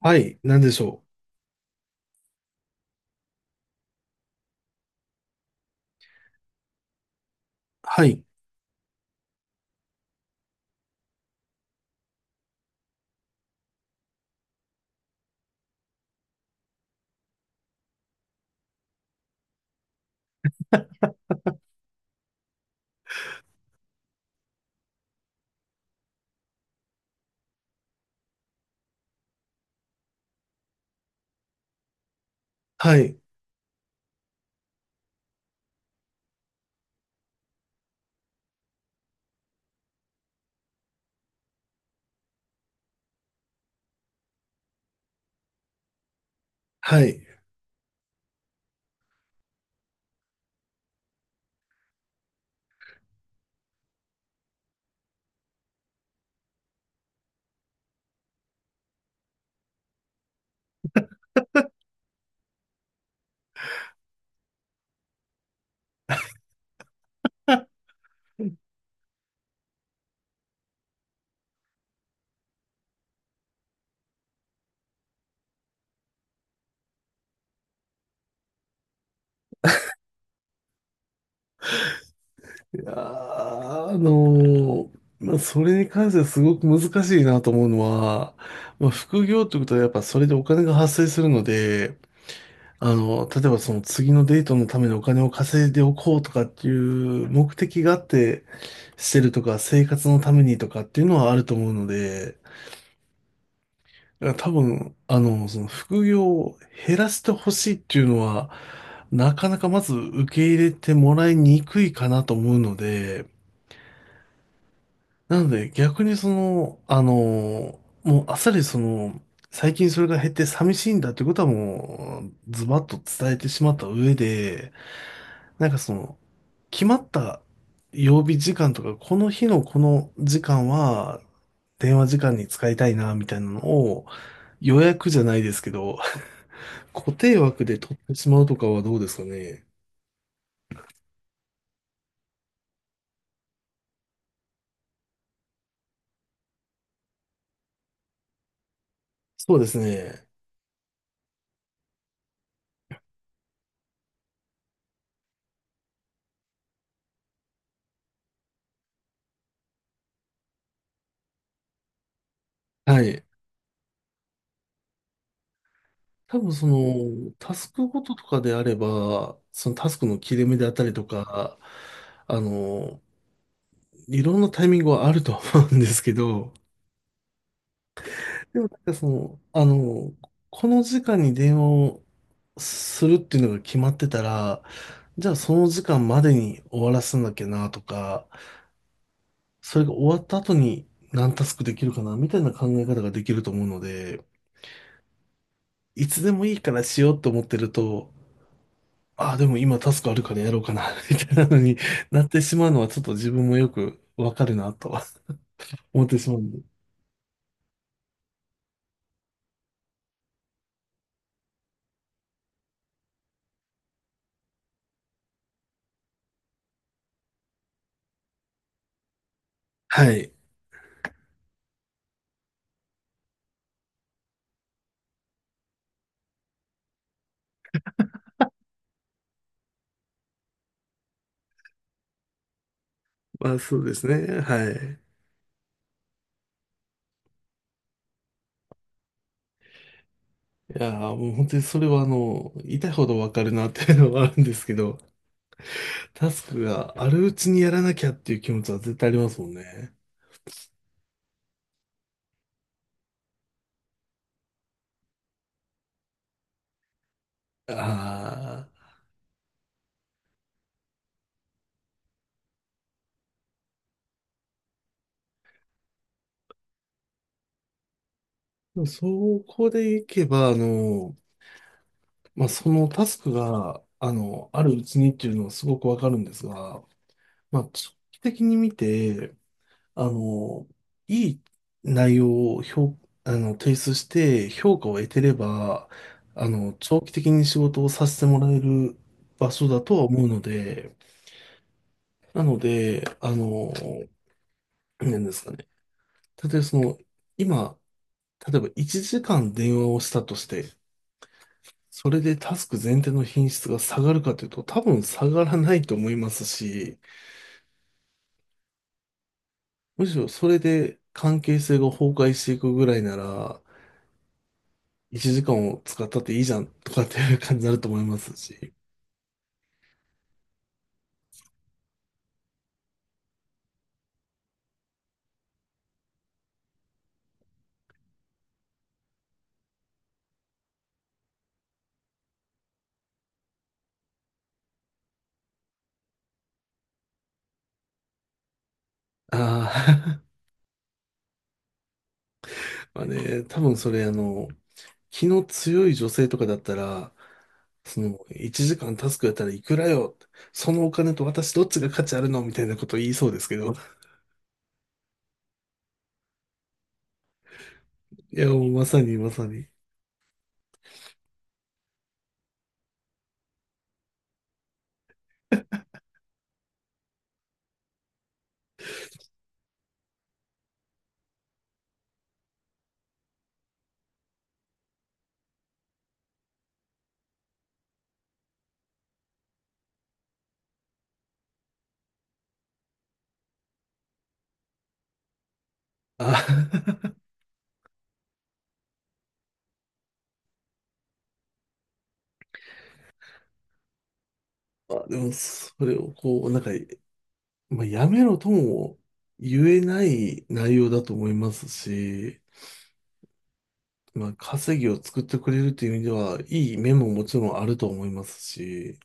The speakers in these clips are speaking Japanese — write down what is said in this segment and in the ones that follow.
はい、なんでしょう。はい、はい、はい。いやーあのーまあ、それに関してはすごく難しいなと思うのは、まあ、副業ってことはやっぱそれでお金が発生するので、例えばその次のデートのためのお金を稼いでおこうとかっていう目的があってしてるとか、生活のためにとかっていうのはあると思うので、だから多分、その副業を減らしてほしいっていうのは、なかなかまず受け入れてもらいにくいかなと思うので、なので逆にその、もうあっさりその、最近それが減って寂しいんだってことはもう、ズバッと伝えてしまった上で、なんかその、決まった曜日時間とか、この日のこの時間は、電話時間に使いたいな、みたいなのを、予約じゃないですけど、固定枠で取ってしまうとかはどうですかね。そうですね。はい。多分その、タスクごととかであれば、そのタスクの切れ目であったりとか、あの、いろんなタイミングはあるとは思うんですけど、でもなんかその、この時間に電話をするっていうのが決まってたら、じゃあその時間までに終わらせなきゃなとか、それが終わった後に何タスクできるかなみたいな考え方ができると思うので、いつでもいいからしようと思ってると、ああ、でも今タスクあるからやろうかな、みたいなのに なってしまうのはちょっと自分もよくわかるなと 思ってしまうんで。はい。まあそうですね。はい。いやー、もう本当にそれはあの、痛いほどわかるなっていうのはあるんですけど、タスクがあるうちにやらなきゃっていう気持ちは絶対ありますもんね。ああ。でもそこでいけば、まあそのタスクが、あるうちにっていうのはすごくわかるんですが、まあ、長期的に見て、あの、いい内容を評、あの、提出して評価を得てれば、あの、長期的に仕事をさせてもらえる場所だとは思うので、なので、なんですかね。例えばその、今、例えば1時間電話をしたとして、それでタスク全体の品質が下がるかというと、多分下がらないと思いますし、むしろそれで関係性が崩壊していくぐらいなら、1時間を使ったっていいじゃんとかっていう感じになると思いますし。ああ。 まあね、多分それあの、気の強い女性とかだったら、その1時間タスクやったらいくらよ、そのお金と私どっちが価値あるのみたいなこと言いそうですけど、いやもうまさにまさに。あー。 まあでもそれをこう、なんか、まあ、やめろとも言えない内容だと思いますし、まあ、稼ぎを作ってくれるという意味では、いい面ももちろんあると思いますし、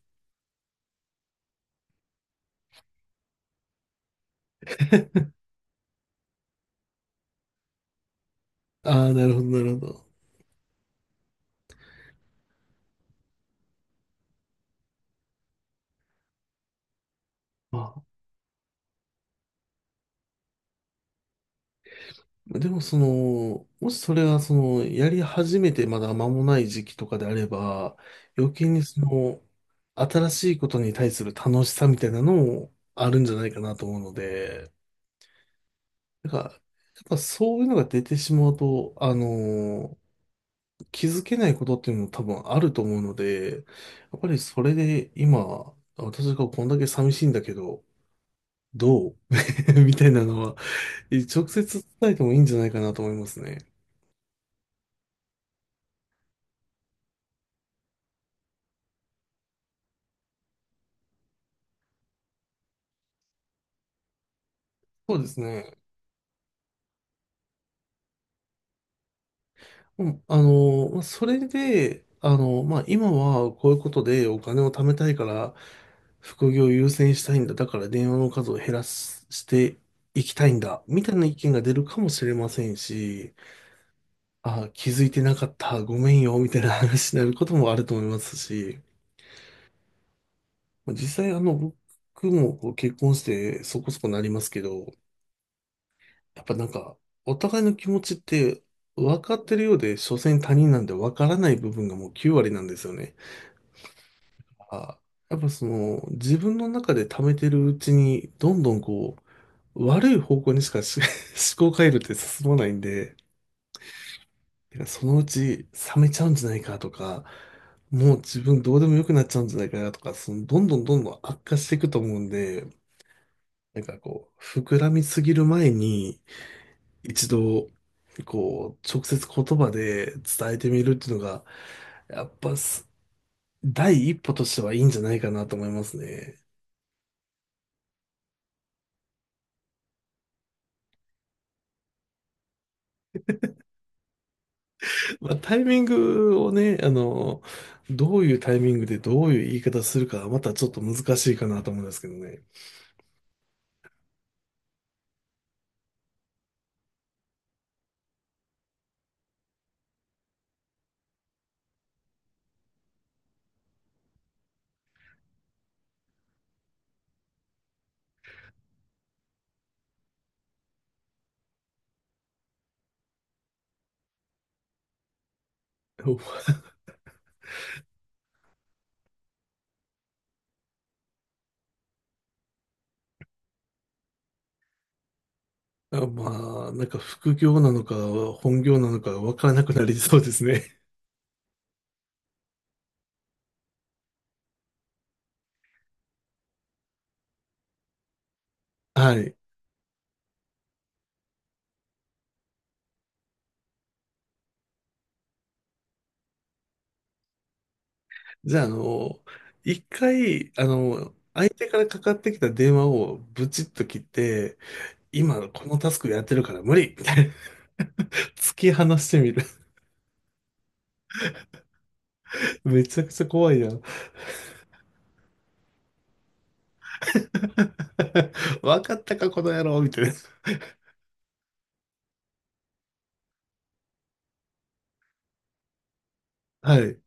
ああ、なるほど、なるほど。まあ、でも、その、もしそれが、その、やり始めてまだ間もない時期とかであれば、余計にその、新しいことに対する楽しさみたいなのもあるんじゃないかなと思うので、なんか、やっぱそういうのが出てしまうと、あの気づけないことっていうのも多分あると思うので、やっぱりそれで今、私がこんだけ寂しいんだけど、どう みたいなのは、直接伝えてもいいんじゃないかなと思いますね。そうですね。うんまあそれで、まあ、今はこういうことでお金を貯めたいから、副業を優先したいんだ。だから電話の数を減らすしていきたいんだ。みたいな意見が出るかもしれませんし、あ、気づいてなかった、ごめんよ、みたいな話になることもあると思いますし、まあ実際あの、僕もこう結婚してそこそこなりますけど、やっぱなんか、お互いの気持ちって分かってるようで、所詮他人なんで分からない部分がもう9割なんですよね。あ、やっぱその、自分の中で溜めてるうちに、どんどんこう、悪い方向にしかし 思考回路って進まないんで、てかそのうち冷めちゃうんじゃないかとか、もう自分どうでもよくなっちゃうんじゃないかなとか、そのどんどんどんどん悪化していくと思うんで、なんかこう、膨らみすぎる前に一度、こう、直接言葉で伝えてみるっていうのが、やっぱす第一歩としてはいいんじゃないかなと思いますね。まあ、タイミングをね、どういうタイミングでどういう言い方するかはまたちょっと難しいかなと思うんですけどね。あまあ、なんか副業なのか本業なのかわからなくなりそうですね。はい。じゃあ、一回、相手からかかってきた電話をブチッと切って、今このタスクやってるから無理みたいな、突き放してみる。めちゃくちゃ怖いやん。わかったか、この野郎みたいな。はい。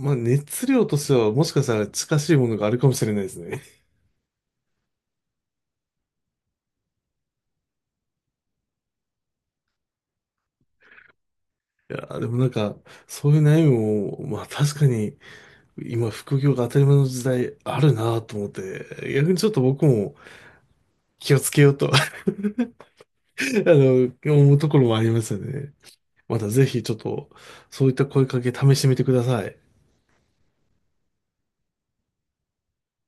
まあ、熱量としてはもしかしたら近しいものがあるかもしれないですね。いや、でもなんか、そういう悩みも、まあ確かに、今、副業が当たり前の時代あるなと思って、逆にちょっと僕も気をつけようと の、思うところもありますよね。またぜひちょっと、そういった声かけ試してみてください。